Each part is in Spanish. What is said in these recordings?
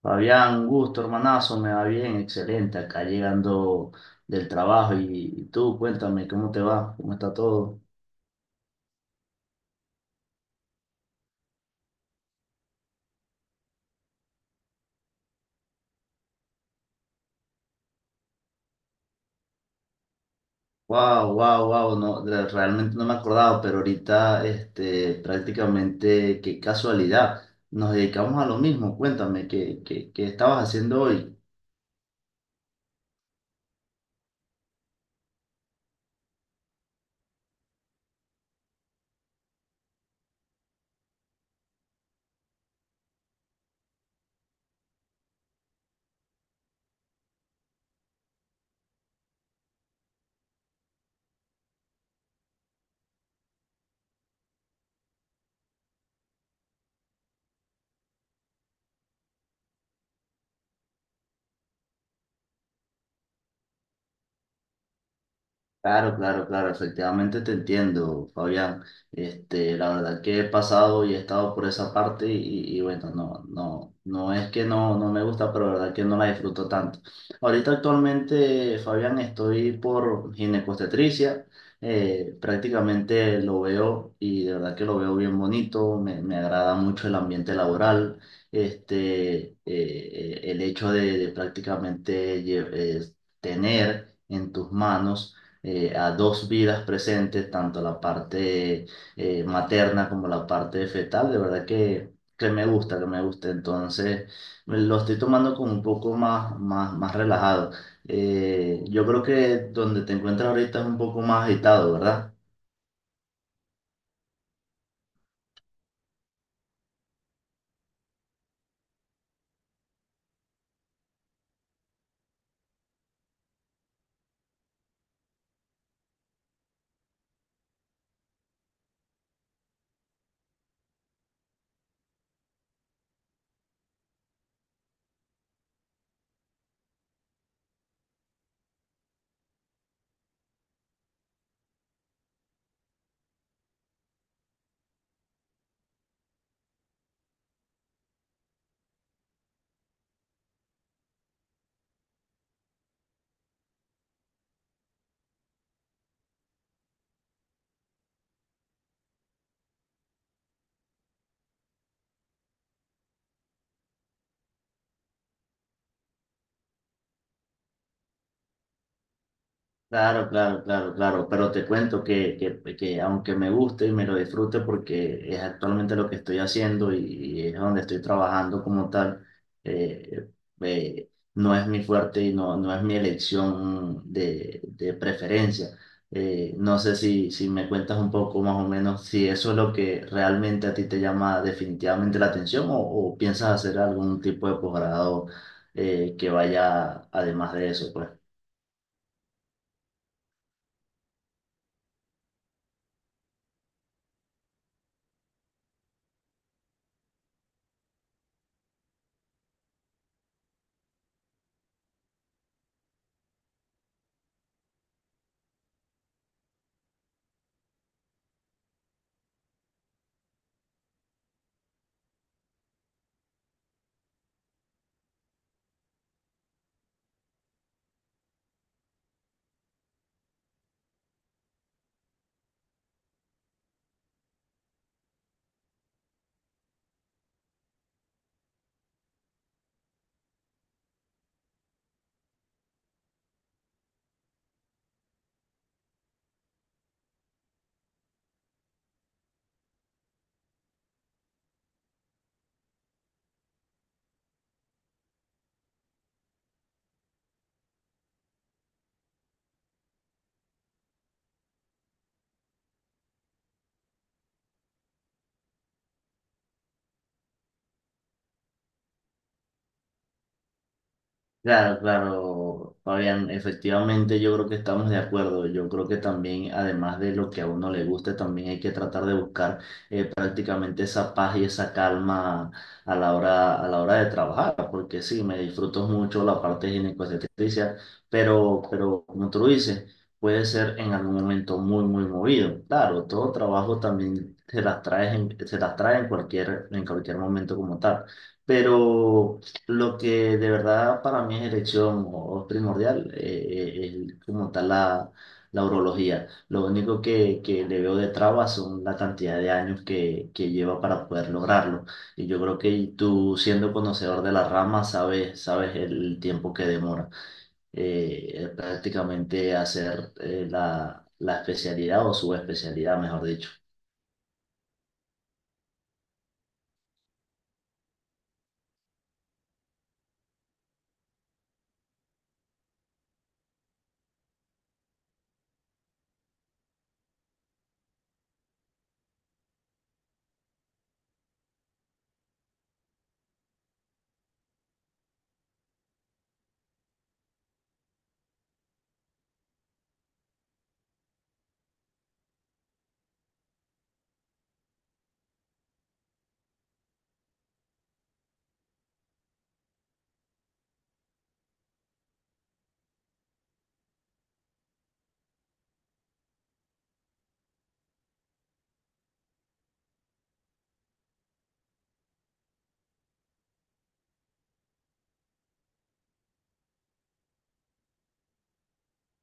Fabián, un gusto, hermanazo, me va bien, excelente, acá llegando del trabajo y tú, cuéntame, ¿cómo te va? ¿Cómo está todo? Wow, wow, wow, no, realmente no me acordaba, pero ahorita, este, prácticamente, qué casualidad, nos dedicamos a lo mismo, cuéntame, ¿qué estabas haciendo hoy? Claro, efectivamente te entiendo, Fabián. Este, la verdad que he pasado y he estado por esa parte y bueno, no es que no me gusta, pero la verdad que no la disfruto tanto. Ahorita actualmente, Fabián, estoy por ginecostetricia. Prácticamente lo veo y de verdad que lo veo bien bonito, me agrada mucho el ambiente laboral, el hecho de prácticamente tener en tus manos, a dos vidas presentes, tanto la parte, materna, como la parte fetal. De verdad que me gusta, que me gusta. Entonces, me lo estoy tomando como un poco más relajado. Yo creo que donde te encuentras ahorita es un poco más agitado, ¿verdad? Claro, pero te cuento que aunque me guste y me lo disfrute porque es actualmente lo que estoy haciendo y es donde estoy trabajando como tal. eh, eh, no es mi fuerte y no es mi elección de preferencia. No sé si me cuentas un poco más o menos si eso es lo que realmente a ti te llama definitivamente la atención o piensas hacer algún tipo de posgrado, que vaya además de eso, pues. Claro, claro, Fabián, efectivamente yo creo que estamos de acuerdo. Yo creo que también, además de lo que a uno le guste, también hay que tratar de buscar, prácticamente esa paz y esa calma a la hora de trabajar, porque sí, me disfruto mucho la parte ginecobstetricia, pero como tú lo dices, puede ser en algún momento muy movido. Claro, todo trabajo también se las trae en en cualquier momento como tal. Pero, lo que de verdad para mí es elección o es primordial, es como tal la urología. Lo único que le veo de trabas son la cantidad de años que lleva para poder lograrlo. Y yo creo que tú, siendo conocedor de la rama, sabes el tiempo que demora, prácticamente hacer, la, la especialidad o subespecialidad, mejor dicho.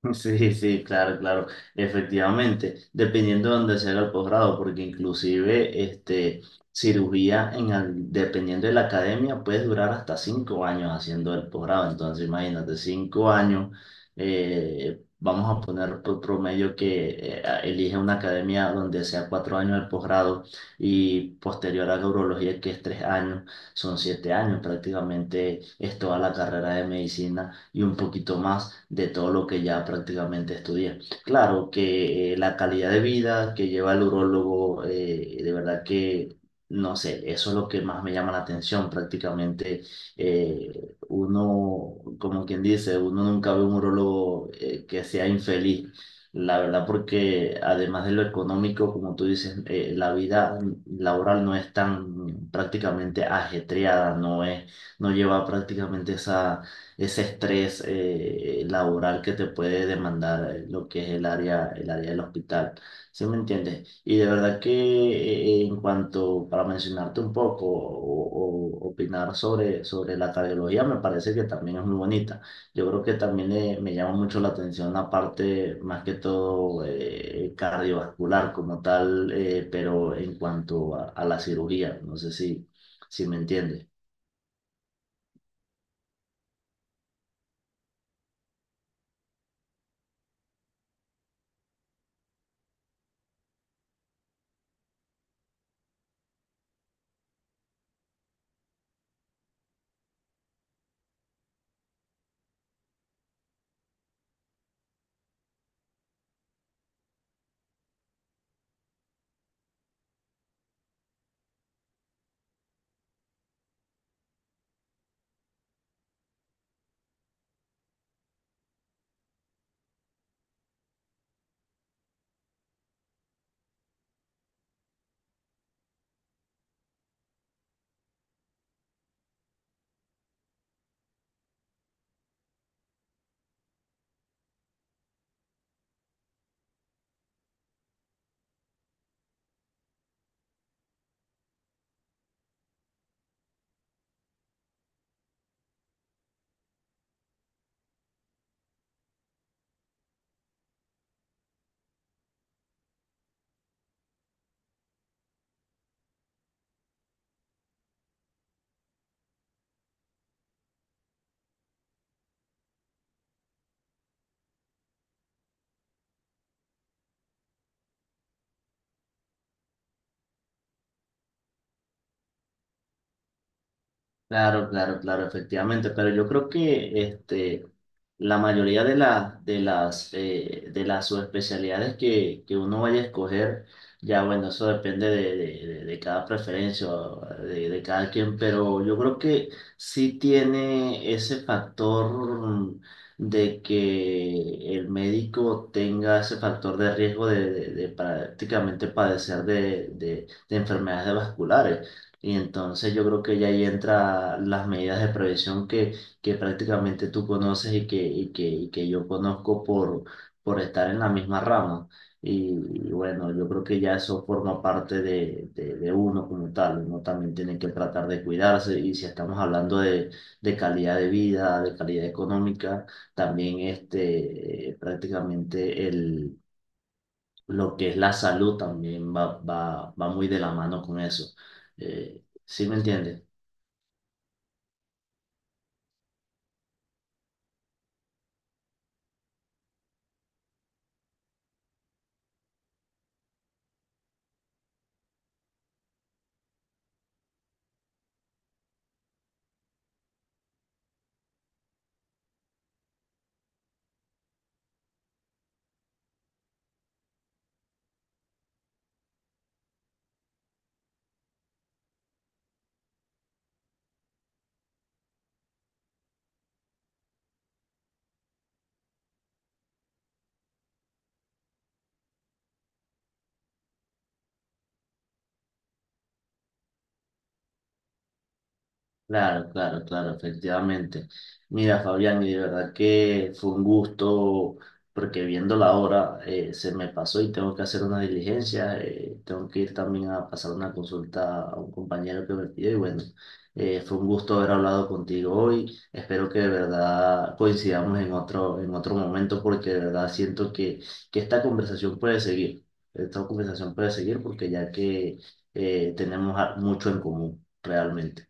Sí, claro, claro, efectivamente, dependiendo de dónde sea el posgrado, porque inclusive este, cirugía, dependiendo de la academia, puede durar hasta cinco años haciendo el posgrado. Entonces imagínate, cinco años. Vamos a poner por promedio que elige una academia donde sea cuatro años el posgrado, y posterior a la urología, que es tres años, son siete años prácticamente. Es toda la carrera de medicina y un poquito más de todo lo que ya prácticamente estudié. Claro que, la calidad de vida que lleva el urólogo, de verdad que, no sé, eso es lo que más me llama la atención. Prácticamente, uno, como quien dice, uno nunca ve un urólogo, que sea infeliz. La verdad, porque además de lo económico, como tú dices, la vida laboral no es tan prácticamente ajetreada, no es, no lleva prácticamente esa ese estrés, laboral, que te puede demandar, lo que es el área del hospital. ¿Sí me entiendes? Y de verdad que en cuanto, para mencionarte un poco o opinar sobre la cardiología, me parece que también es muy bonita. Yo creo que también, me llama mucho la atención la parte más que todo, cardiovascular como tal. Pero en cuanto a la cirugía, no sé si me entiendes. Claro, efectivamente, pero yo creo que este, la mayoría de las subespecialidades que uno vaya a escoger, ya bueno, eso depende de cada preferencia, o de cada quien, pero yo creo que sí tiene ese factor de que el médico tenga ese factor de riesgo de prácticamente padecer de enfermedades vasculares. Y entonces yo creo que ya ahí entra las medidas de prevención que prácticamente tú conoces y que yo conozco por estar en la misma rama. Y, y bueno, yo creo que ya eso forma parte de uno como tal. Uno también tiene que tratar de cuidarse y si estamos hablando de calidad de vida, de calidad económica, también este, prácticamente el lo que es la salud también va muy de la mano con eso. ¿Sí me entiendes? Claro, efectivamente. Mira, Fabián, y de verdad que fue un gusto, porque viendo la hora, se me pasó y tengo que hacer una diligencia. Tengo que ir también a pasar una consulta a un compañero que me pidió y bueno, fue un gusto haber hablado contigo hoy. Espero que de verdad coincidamos en otro momento, porque de verdad siento que esta conversación puede seguir, esta conversación puede seguir porque ya que, tenemos mucho en común, realmente.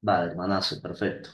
Vale, hermanazo, perfecto.